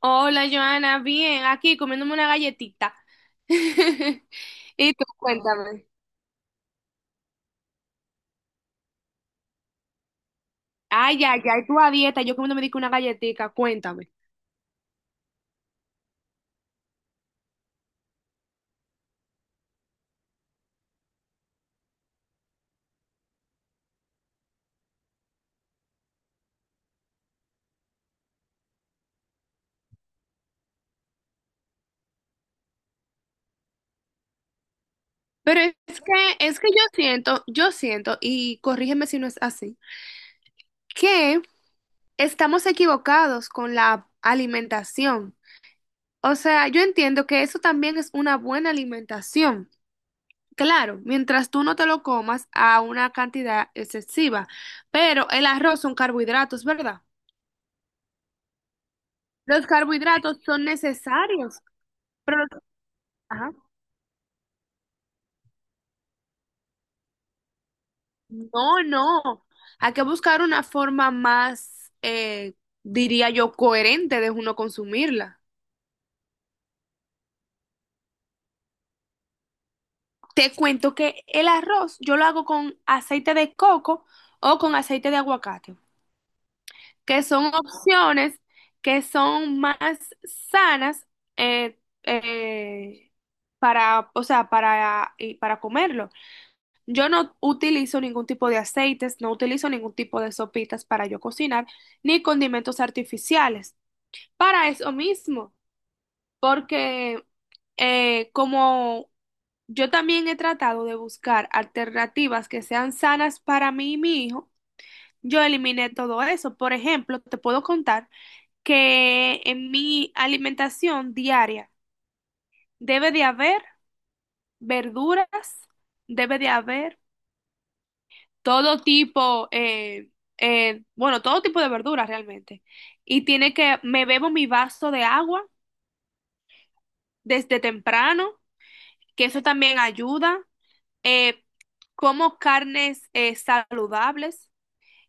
Hola, Joana, bien, aquí comiéndome una galletita. Y tú, cuéntame. Ay, ay, ay, tú a dieta, yo comiéndome digo una galletita, cuéntame. Pero es que, es que yo siento, y corrígeme si no es así, que estamos equivocados con la alimentación. O sea, yo entiendo que eso también es una buena alimentación. Claro, mientras tú no te lo comas a una cantidad excesiva, pero el arroz son carbohidratos, ¿verdad? Los carbohidratos son necesarios, pero ajá. No, no. Hay que buscar una forma más, diría yo, coherente de uno consumirla. Te cuento que el arroz yo lo hago con aceite de coco o con aceite de aguacate, que son opciones que son más sanas eh, eh, para, o sea, para, y para comerlo. Yo no utilizo ningún tipo de aceites, no utilizo ningún tipo de sopitas para yo cocinar, ni condimentos artificiales. Para eso mismo, porque como yo también he tratado de buscar alternativas que sean sanas para mí y mi hijo, yo eliminé todo eso. Por ejemplo, te puedo contar que en mi alimentación diaria debe de haber verduras, debe de haber todo tipo, bueno, todo tipo de verduras realmente. Y tiene que, me bebo mi vaso de agua desde temprano, que eso también ayuda. Eh, Como carnes saludables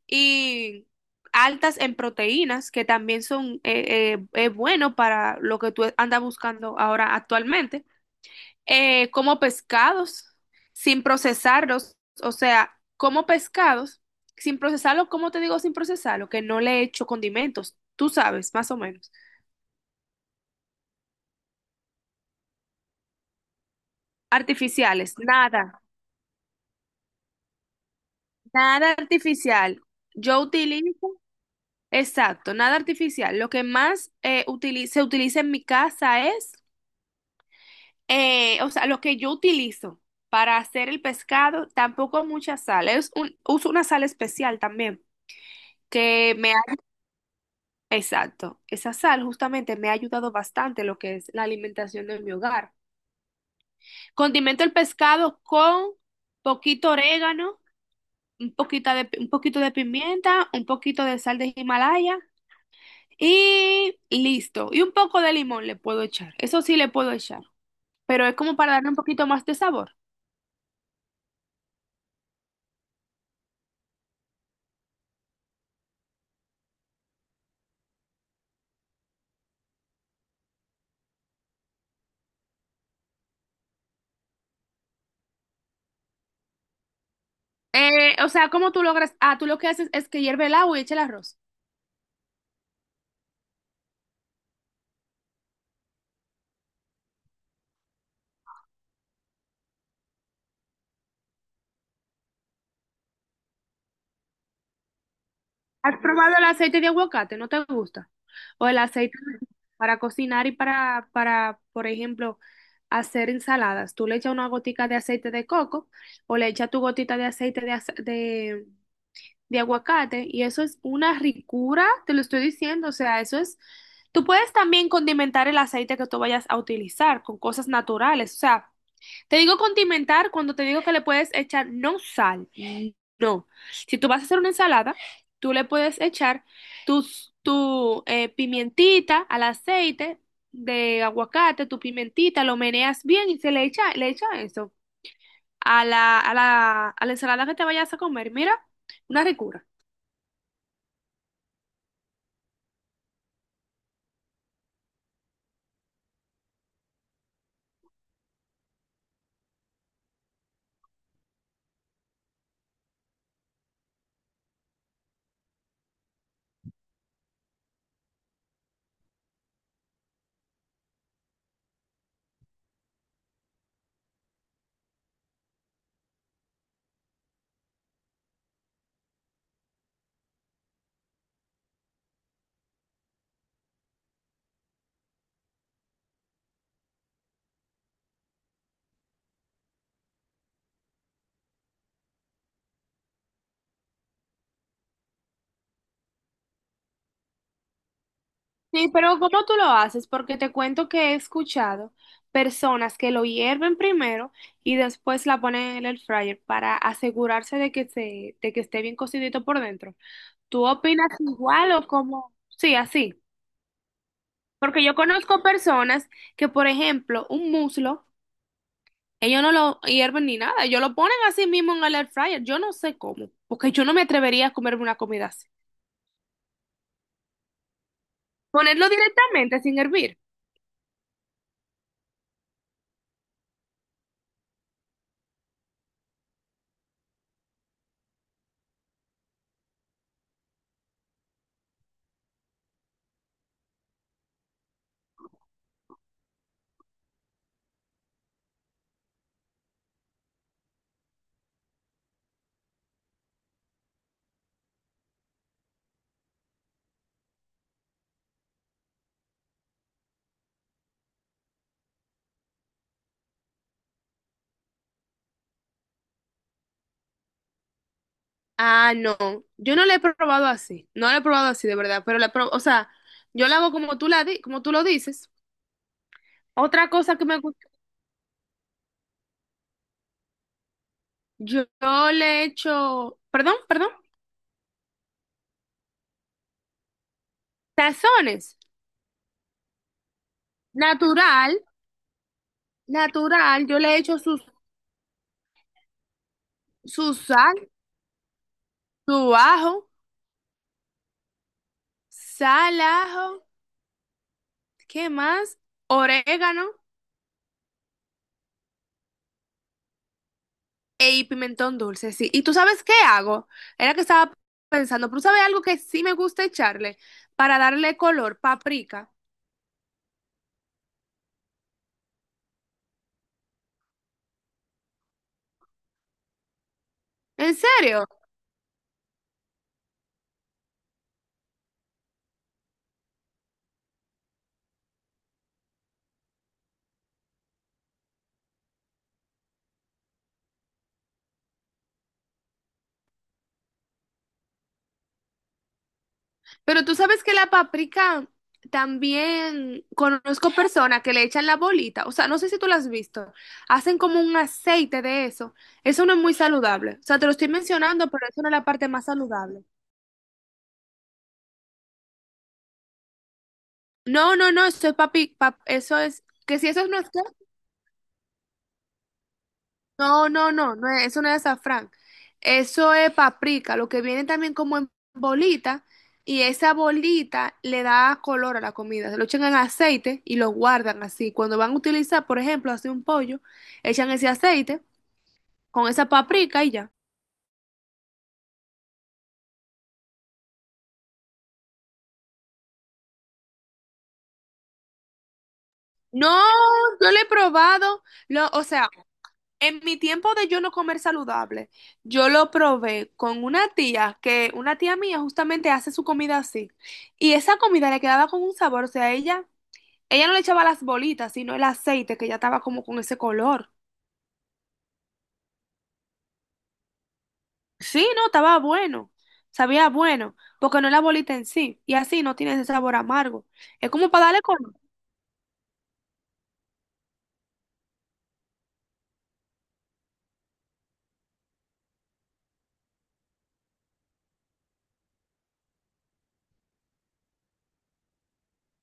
y altas en proteínas, que también son bueno para lo que tú andas buscando ahora actualmente. Como pescados, sin procesarlos, o sea, como pescados, sin procesarlo, ¿cómo te digo sin procesarlo? Que no le echo condimentos, tú sabes, más o menos. Artificiales, nada, nada artificial. Yo utilizo, exacto, nada artificial. Lo que más se utiliza en mi casa es, o sea, lo que yo utilizo para hacer el pescado, tampoco mucha sal, es uso una sal especial también que me... Exacto. Esa sal justamente me ha ayudado bastante lo que es la alimentación de mi hogar. Condimento el pescado con poquito orégano, un poquito de pimienta, un poquito de sal de Himalaya y listo. Y un poco de limón le puedo echar. Eso sí le puedo echar, pero es como para darle un poquito más de sabor. O sea, ¿cómo tú logras? Ah, tú lo que haces es que hierve el agua y echa el arroz. ¿Has probado el aceite de aguacate? ¿No te gusta? O el aceite para cocinar y por ejemplo, hacer ensaladas. Tú le echas una gotica de aceite de coco o le echas tu gotita de de aguacate y eso es una ricura, te lo estoy diciendo. O sea, eso es... Tú puedes también condimentar el aceite que tú vayas a utilizar con cosas naturales. O sea, te digo condimentar cuando te digo que le puedes echar no sal, no. Si tú vas a hacer una ensalada, tú le puedes echar tu pimientita al aceite de aguacate, tu pimentita, lo meneas bien y le echa eso a a la ensalada que te vayas a comer. Mira, una ricura. Sí, pero ¿cómo tú lo haces? Porque te cuento que he escuchado personas que lo hierven primero y después la ponen en el air fryer para asegurarse de de que esté bien cocidito por dentro. ¿Tú opinas igual o cómo? Sí, así. Porque yo conozco personas que, por ejemplo, un muslo, ellos no lo hierven ni nada, ellos lo ponen así mismo en el air fryer. Yo no sé cómo, porque yo no me atrevería a comerme una comida así. Ponerlo directamente sin hervir. Ah, no, yo no la he probado así, no la he probado así de verdad, pero o sea, yo la hago como como tú lo dices. Otra cosa que me gusta, yo le echo, perdón, perdón, tazones, natural, natural, yo le echo su sal, su ajo, sal, ajo, ¿qué más? Orégano e y pimentón dulce, sí. ¿Y tú sabes qué hago? Era que estaba pensando, pero ¿tú sabes algo que sí me gusta echarle para darle color? Paprika. ¿En serio? Pero tú sabes que la paprika también conozco personas que le echan la bolita. O sea, no sé si tú la has visto. Hacen como un aceite de eso. Eso no es muy saludable. O sea, te lo estoy mencionando, pero eso no es la parte más saludable. No, no, no, eso es eso es, que si eso no es... No, no, no, eso no es azafrán. Eso es paprika, lo que viene también como en bolita y esa bolita le da color a la comida. Se lo echan en aceite y lo guardan así. Cuando van a utilizar, por ejemplo, hacer un pollo, echan ese aceite con esa paprika y ya. No, yo lo he probado. O sea, en mi tiempo de yo no comer saludable, yo lo probé con una tía que una tía mía justamente hace su comida así. Y esa comida le quedaba con un sabor, o sea, ella no le echaba las bolitas, sino el aceite que ya estaba como con ese color. Sí, no, estaba bueno. Sabía bueno, porque no es la bolita en sí. Y así no tiene ese sabor amargo. Es como para darle color.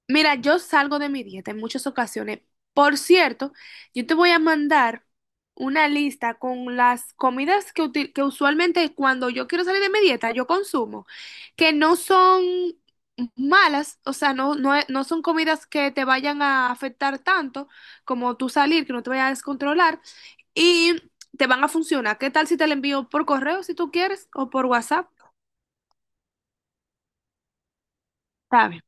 Mira, yo salgo de mi dieta en muchas ocasiones. Por cierto, yo te voy a mandar una lista con las comidas que, que usualmente cuando yo quiero salir de mi dieta, yo consumo, que no son malas, o sea, no son comidas que te vayan a afectar tanto como tú salir, que no te vayas a descontrolar y te van a funcionar. ¿Qué tal si te la envío por correo si tú quieres o por WhatsApp? Está bien.